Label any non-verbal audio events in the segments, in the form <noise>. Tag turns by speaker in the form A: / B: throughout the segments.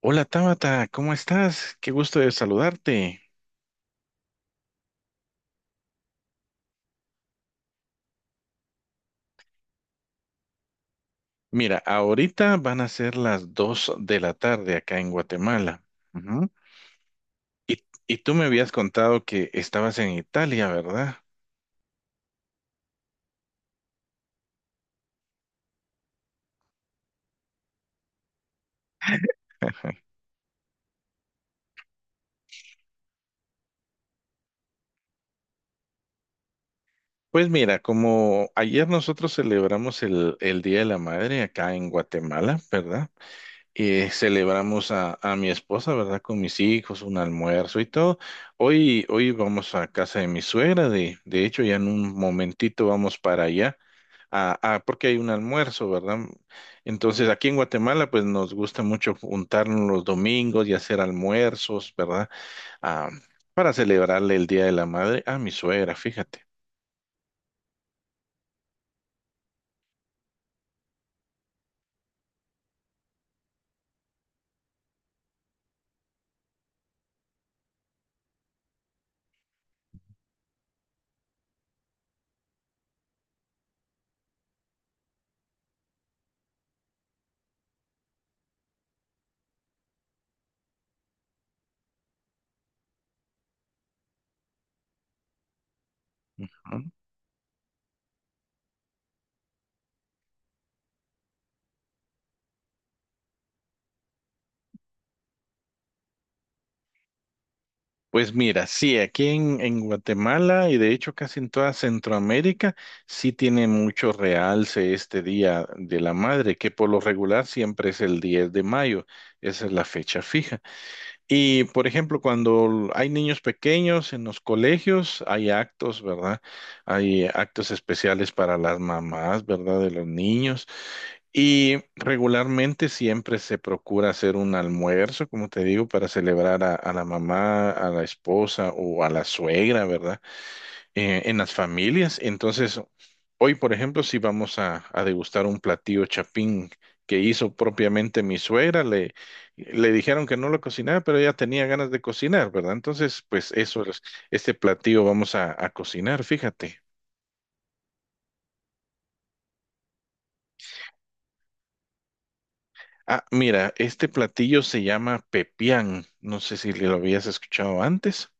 A: Hola Tabata, ¿cómo estás? Qué gusto de saludarte. Mira, ahorita van a ser las 2 de la tarde acá en Guatemala. Ujú. Y tú me habías contado que estabas en Italia, ¿verdad? <laughs> Pues mira, como ayer nosotros celebramos el Día de la Madre acá en Guatemala, ¿verdad? Celebramos a mi esposa, ¿verdad? Con mis hijos, un almuerzo y todo. Hoy vamos a casa de mi suegra, de hecho ya en un momentito vamos para allá. Ah, ah, porque hay un almuerzo, ¿verdad? Entonces, aquí en Guatemala, pues nos gusta mucho juntarnos los domingos y hacer almuerzos, ¿verdad? Ah, para celebrarle el Día de la Madre a mi suegra, fíjate. ¿No? Pues mira, sí, aquí en Guatemala y de hecho casi en toda Centroamérica, sí tiene mucho realce este Día de la Madre, que por lo regular siempre es el 10 de mayo, esa es la fecha fija. Y, por ejemplo, cuando hay niños pequeños en los colegios, hay actos, ¿verdad? Hay actos especiales para las mamás, ¿verdad? De los niños. Y regularmente siempre se procura hacer un almuerzo, como te digo, para celebrar a la mamá, a la esposa o a la suegra, ¿verdad? En las familias. Entonces, hoy, por ejemplo, si vamos a degustar un platillo chapín que hizo propiamente mi suegra, le dijeron que no lo cocinara, pero ella tenía ganas de cocinar, ¿verdad? Entonces, pues eso es, este platillo vamos a cocinar, fíjate. Ah, mira, este platillo se llama pepián. No sé si lo habías escuchado antes.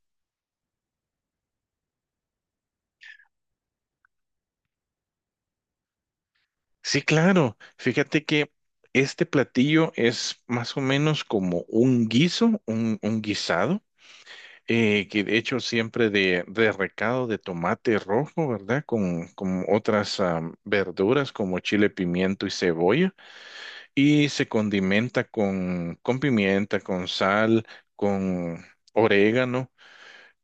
A: Sí, claro. Fíjate que este platillo es más o menos como un guiso, un guisado. Que de hecho siempre de recado de tomate rojo, ¿verdad? Con otras verduras como chile, pimiento y cebolla. Y se condimenta con pimienta, con sal, con orégano.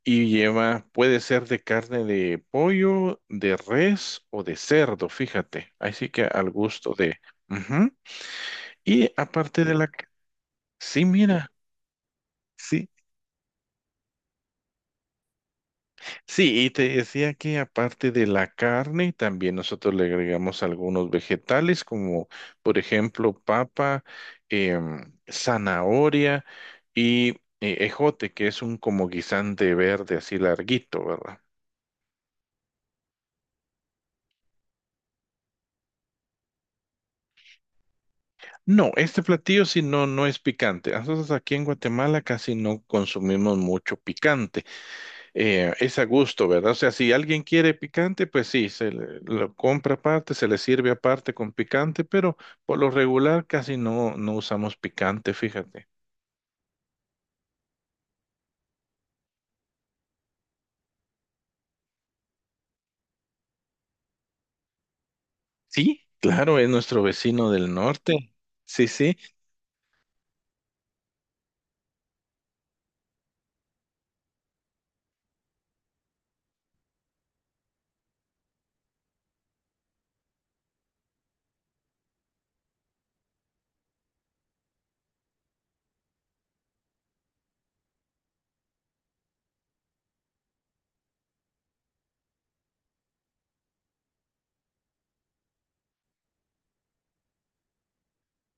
A: Y lleva, puede ser de carne de pollo, de res o de cerdo, fíjate. Así que al gusto de... Ujú. Y aparte de la... Sí, mira. Sí, sí, y te decía que aparte de la carne, también nosotros le agregamos algunos vegetales, como por ejemplo papa, zanahoria y ejote, que es un como guisante verde así larguito, ¿verdad? No, este platillo sí no, no es picante. Nosotros aquí en Guatemala casi no consumimos mucho picante. Es a gusto, ¿verdad? O sea, si alguien quiere picante, pues sí, lo compra aparte, se le sirve aparte con picante, pero por lo regular casi no, no usamos picante, fíjate. Sí, claro, es nuestro vecino del norte. Sí, sí.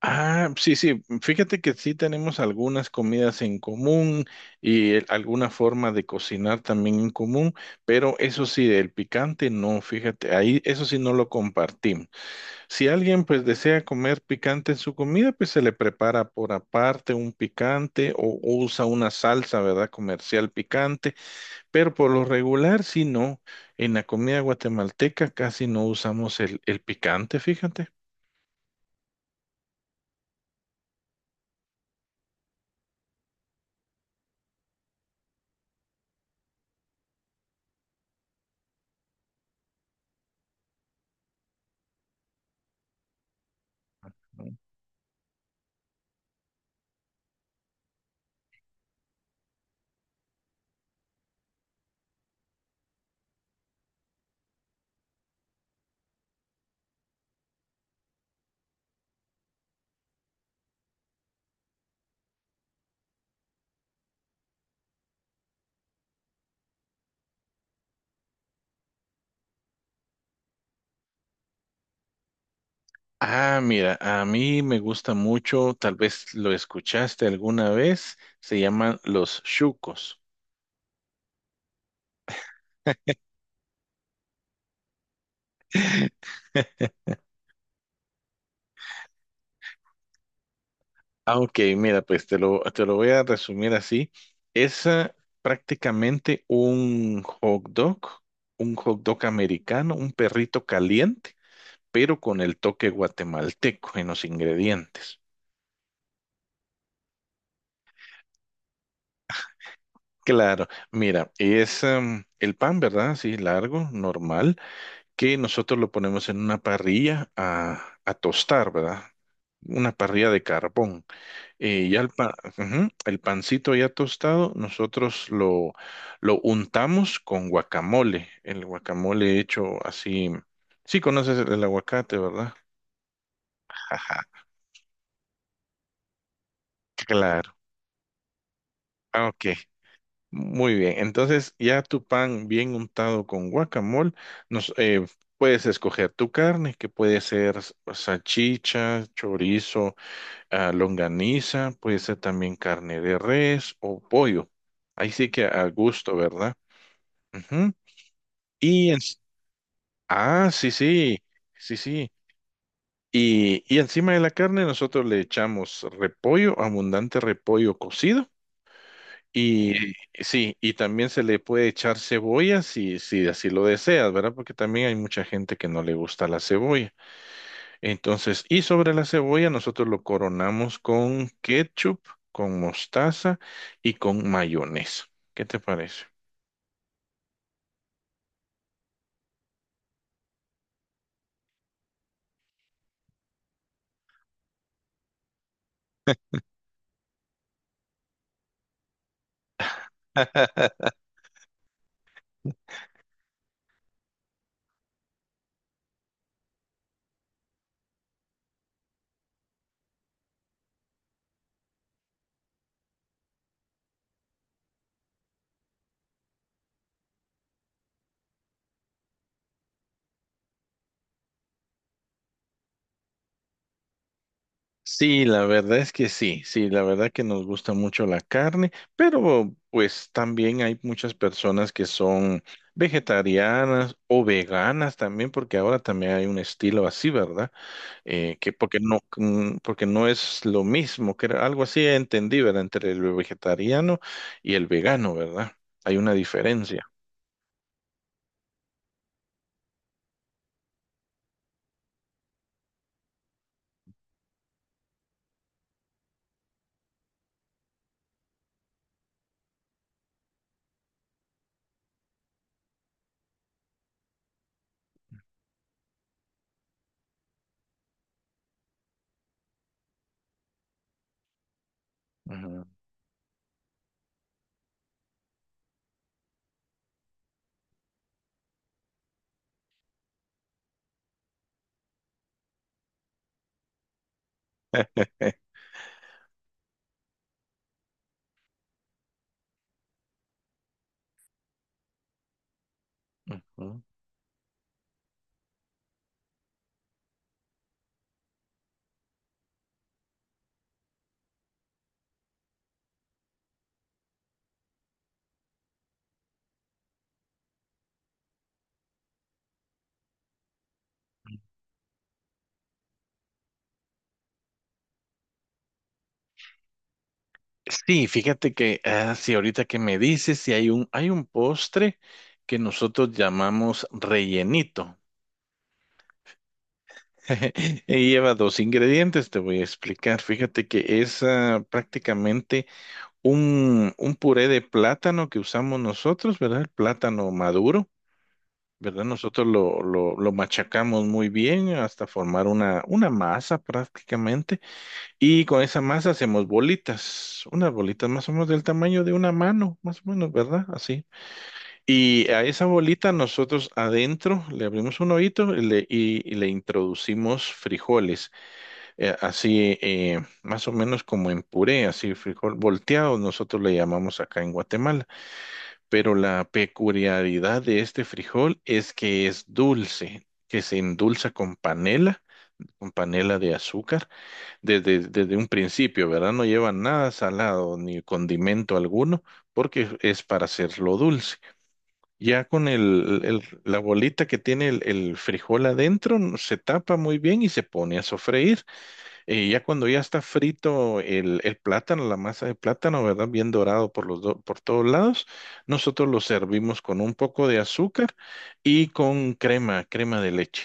A: Ah, sí, sí. Fíjate que sí tenemos algunas comidas en común y alguna forma de cocinar también en común, pero eso sí, el picante no, fíjate, ahí eso sí no lo compartimos. Si alguien pues desea comer picante en su comida, pues se le prepara por aparte un picante o usa una salsa, ¿verdad? Comercial picante, pero por lo regular sí no. En la comida guatemalteca casi no usamos el picante, fíjate. Ah, mira, a mí me gusta mucho, tal vez lo escuchaste alguna vez, se llaman los chucos. <laughs> Ah, ok, mira, pues te lo voy a resumir así. Es prácticamente un hot dog americano, un perrito caliente, pero con el toque guatemalteco en los ingredientes. Claro, mira, es el pan, ¿verdad? Así largo, normal, que nosotros lo ponemos en una parrilla a tostar, ¿verdad? Una parrilla de carbón. Y ya ujú, el pancito ya tostado, nosotros lo, untamos con guacamole. El guacamole hecho así. Sí, conoces el aguacate, ¿verdad? Ajá, claro. Ah, ok, muy bien. Entonces, ya tu pan bien untado con guacamole, nos, eh, puedes escoger tu carne, que puede ser salchicha, chorizo, longaniza, puede ser también carne de res o pollo. Ahí sí que a gusto, ¿verdad? Ujú. Y en- sí, sí, sí, sí. Y encima de la carne nosotros le echamos repollo, abundante repollo cocido. Y sí, y también se le puede echar cebolla si así lo deseas, ¿verdad? Porque también hay mucha gente que no le gusta la cebolla. Entonces, y sobre la cebolla nosotros lo coronamos con ketchup, con mostaza y con mayonesa. ¿Qué te parece? Sí, la verdad es que sí, sí, la verdad que nos gusta mucho la carne, pero pues también hay muchas personas que son vegetarianas o veganas también, porque ahora también hay un estilo así, ¿verdad? Que porque no, porque no es lo mismo, que era algo así entendí, ¿verdad? Entre el vegetariano y el vegano, ¿verdad? Hay una diferencia. Ujú. <laughs> Sí, fíjate que, sí, ahorita que me dices, si hay un postre que nosotros llamamos rellenito. <laughs> Y lleva dos ingredientes, te voy a explicar. Fíjate que es prácticamente un puré de plátano que usamos nosotros, ¿verdad? El plátano maduro, ¿verdad? Nosotros lo, lo machacamos muy bien hasta formar una masa prácticamente. Y con esa masa hacemos bolitas, unas bolitas más o menos del tamaño de una mano, más o menos, ¿verdad? Así. Y a esa bolita nosotros adentro le abrimos un hoyito y y le introducimos frijoles, así más o menos como en puré, así frijol volteado, nosotros le llamamos acá en Guatemala. Pero la peculiaridad de este frijol es que es dulce, que se endulza con panela de azúcar desde un principio, ¿verdad? No lleva nada salado ni condimento alguno, porque es para hacerlo dulce. Ya con la bolita que tiene el frijol adentro, se tapa muy bien y se pone a sofreír. Ya cuando ya está frito el plátano, la masa de plátano, ¿verdad? Bien dorado por todos lados, nosotros lo servimos con un poco de azúcar y con crema, de leche.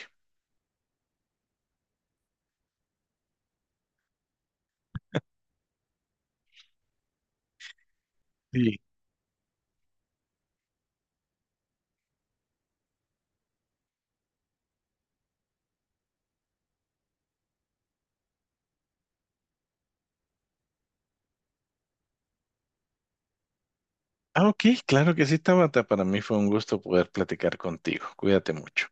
A: Ah, ok, claro que sí, Tabata. Para mí fue un gusto poder platicar contigo. Cuídate mucho.